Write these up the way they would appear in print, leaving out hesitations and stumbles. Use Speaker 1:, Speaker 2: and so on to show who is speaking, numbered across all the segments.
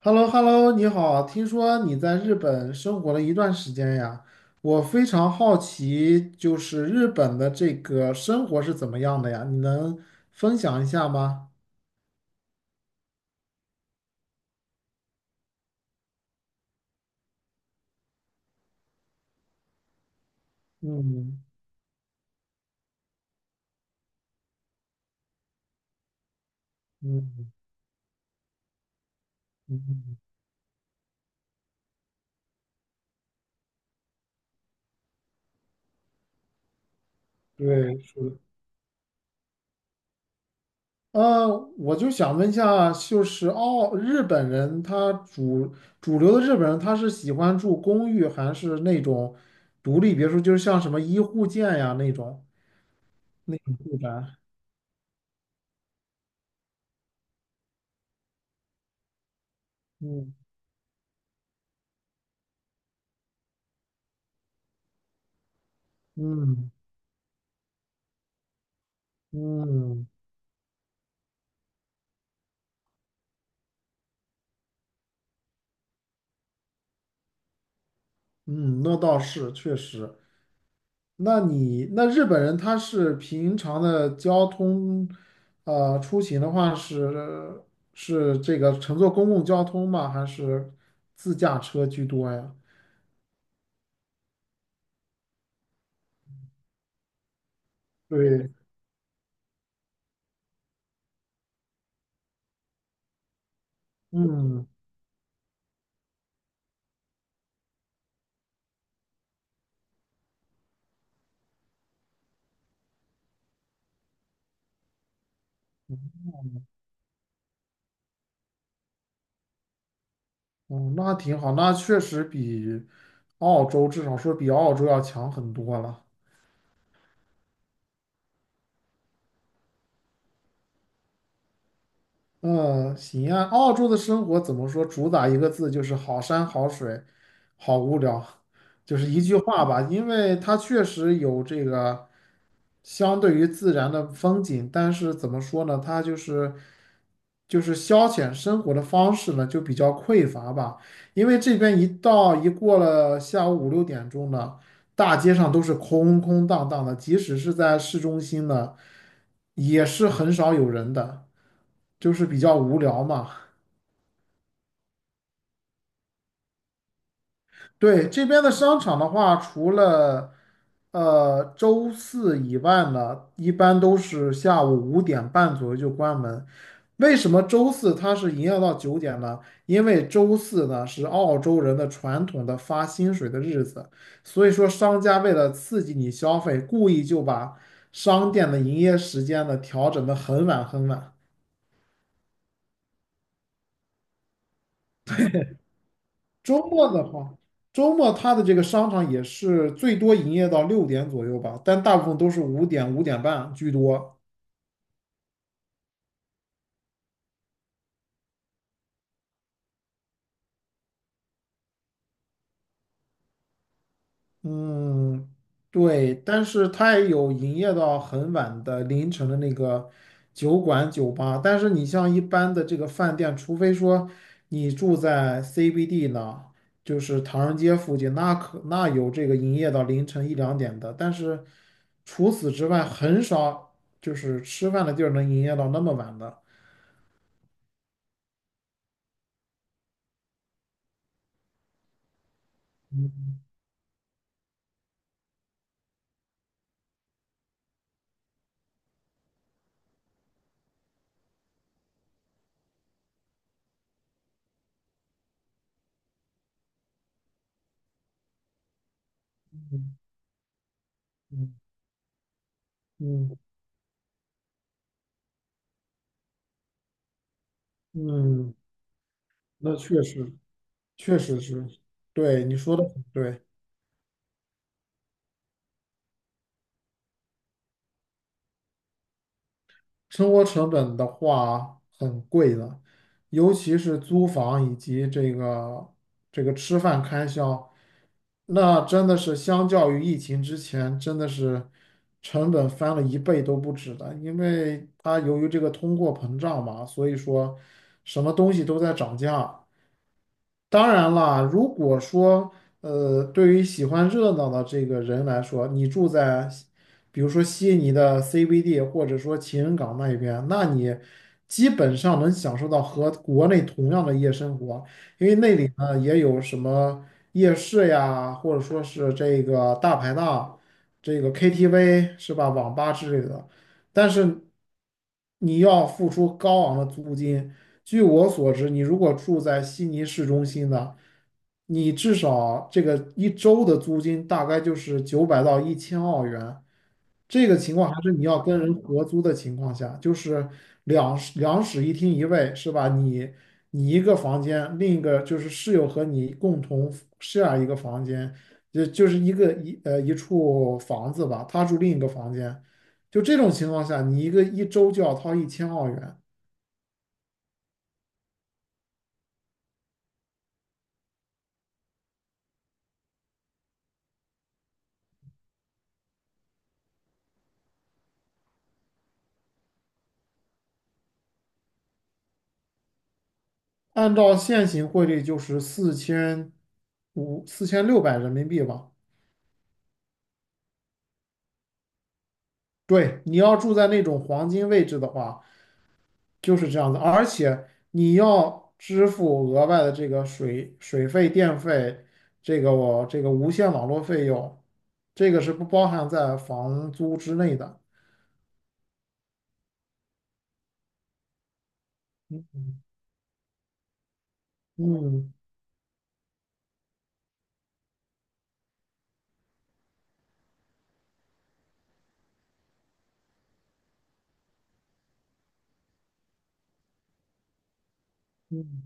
Speaker 1: h e l l o h e l l o 你好，听说你在日本生活了一段时间呀，我非常好奇，就是日本的这个生活是怎么样的呀？你能分享一下吗？嗯嗯嗯，对，是的呃，我就想问一下，就是哦，日本人他主主流的日本人他是喜欢住公寓还是那种独立别墅，就是像什么一户建呀那种住宅？嗯嗯嗯。嗯，那倒是确实。那日本人他是平常的交通，出行的话是这个乘坐公共交通吗？还是自驾车居多呀？对，嗯，哦，那挺好，那确实比澳洲至少说比澳洲要强很多了。嗯，行啊。澳洲的生活怎么说？主打一个字，就是好山好水，好无聊，就是一句话吧。因为它确实有这个。相对于自然的风景，但是怎么说呢，它就是消遣生活的方式呢，就比较匮乏吧。因为这边一过了下午五六点钟呢，大街上都是空空荡荡的，即使是在市中心呢，也是很少有人的，就是比较无聊嘛。对，这边的商场的话，除了周四以外呢，一般都是下午五点半左右就关门。为什么周四它是营业到九点呢？因为周四呢是澳洲人的传统的发薪水的日子，所以说商家为了刺激你消费，故意就把商店的营业时间呢调整的很晚很晚。周末的话，周末它的这个商场也是最多营业到六点左右吧，但大部分都是五点、五点半居多。嗯，对，但是它也有营业到很晚的凌晨的那个酒馆、酒吧。但是你像一般的这个饭店，除非说你住在 CBD 呢，就是唐人街附近，那有这个营业到凌晨一两点的。但是除此之外，很少就是吃饭的地儿能营业到那么晚的。嗯嗯嗯嗯，嗯，那确实确实是，对你说的很对。生活成本的话很贵的，尤其是租房以及这个吃饭开销，那真的是相较于疫情之前，真的是成本翻了一倍都不止的，因为它由于这个通货膨胀嘛，所以说什么东西都在涨价。当然了，如果说对于喜欢热闹的这个人来说，你住在比如说悉尼的 CBD，或者说情人港那一边，那你基本上能享受到和国内同样的夜生活，啊，也有什么夜市呀，或者说是这个大排档、这个 KTV 是吧，网吧之类的，但是你要付出高昂的租金。据我所知，你如果住在悉尼市中心的，你至少这个一周的租金大概就是九百到一千澳元。这个情况还是你要跟人合租的情况下，就是两室一厅一卫，是吧？你一个房间，另一个就是室友和你共同 share 一个房间，就就是一个一呃一处房子吧，他住另一个房间，就这种情况下，你一个一周就要掏一千澳元，按照现行汇率就是四千六百人民币吧。对，你要住在那种黄金位置的话，就是这样子，而且你要支付额外的这个水费、电费，这个我这个无线网络费用，这个是不包含在房租之内的。嗯嗯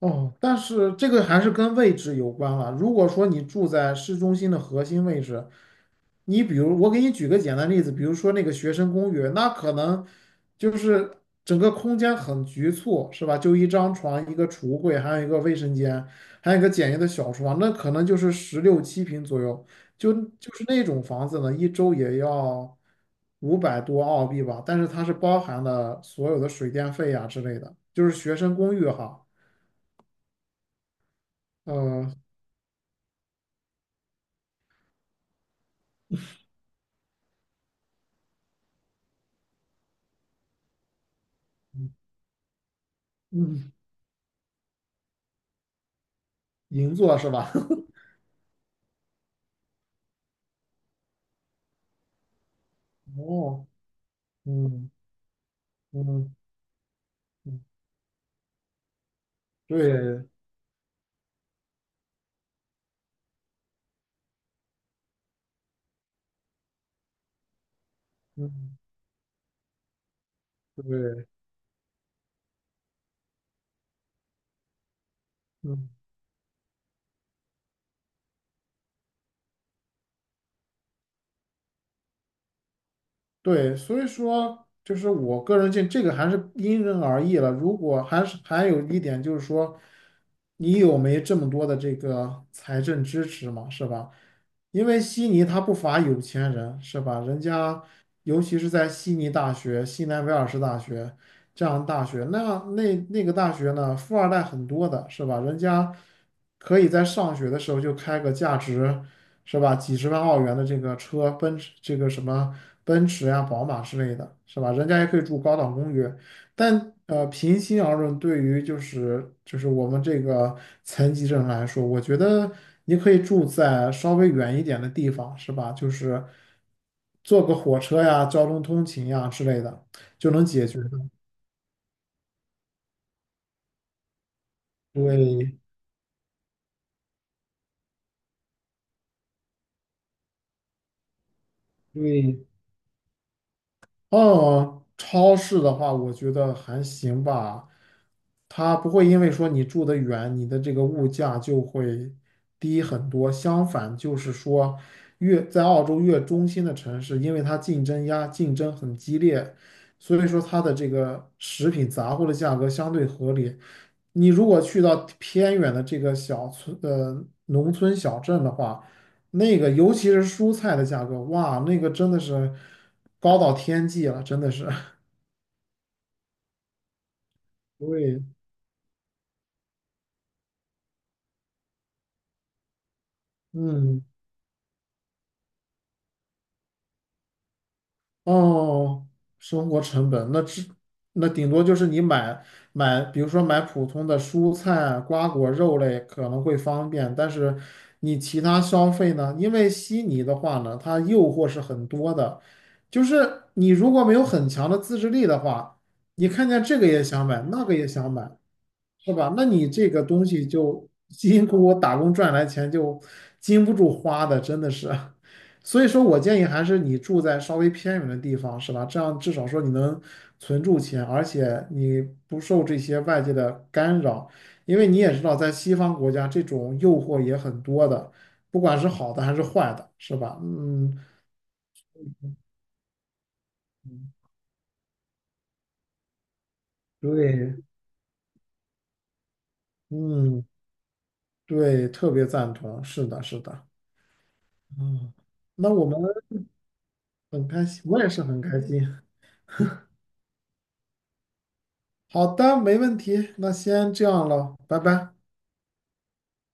Speaker 1: 哦，但是这个还是跟位置有关了。如果说你住在市中心的核心位置，你比如，我给你举个简单例子，比如说那个学生公寓，那可能就是整个空间很局促，是吧？就一张床、一个橱柜，还有一个卫生间，还有一个简易的小厨房，那可能就是十六七平左右。就就是那种房子呢，一周也要五百多澳币吧，但是它是包含了所有的水电费呀、之类的，就是学生公寓哈。呃，嗯，银座是吧？哦，嗯嗯嗯，对，嗯。对，嗯，对，所以说就是我个人见这个还是因人而异了。如果还是还有一点就是说，你有没这么多的这个财政支持嘛，是吧？因为悉尼它不乏有钱人，是吧？人家尤其是在悉尼大学、西南威尔士大学。这样的大学。那那个大学呢，富二代很多的，是吧？人家可以在上学的时候就开个价值，是吧？几十万澳元的这个车，奔驰这个什么奔驰呀、宝马之类的，是吧？人家也可以住高档公寓，但。平心而论，对于就是我们这个残疾人来说，我觉得你可以住在稍微远一点的地方，是吧？就是坐个火车呀、交通通勤呀之类的，就能解决。对对，哦，嗯超市的话，我觉得还行吧，它不会因为说你住得远，你的这个物价就会低很多。相反，就是说越在澳洲越中心的城市，因为它竞争很激烈，所以说它的这个食品杂货的价格相对合理。你如果去到偏远的这个小村，农村小镇的话，那个尤其是蔬菜的价格，哇，那个真的是高到天际了，真的是。对，嗯，哦，生活成本那顶多就是你买，比如说买普通的蔬菜啊、瓜果、肉类可能会方便，但是你其他消费呢？因为悉尼的话呢，它诱惑是很多的，就是你如果没有很强的自制力的话，你看见这个也想买，那个也想买，是吧？那你这个东西就辛苦我打工赚来钱就经不住花的，真的是。所以说我建议还是你住在稍微偏远的地方，是吧？这样至少说你能存住钱，而且你不受这些外界的干扰，因为你也知道，在西方国家这种诱惑也很多的，不管是好的还是坏的，是吧？嗯，对，嗯，对，特别赞同，是的，是的，嗯，那我们很开心，我也是很开心。好的，没问题，那先这样了，拜拜。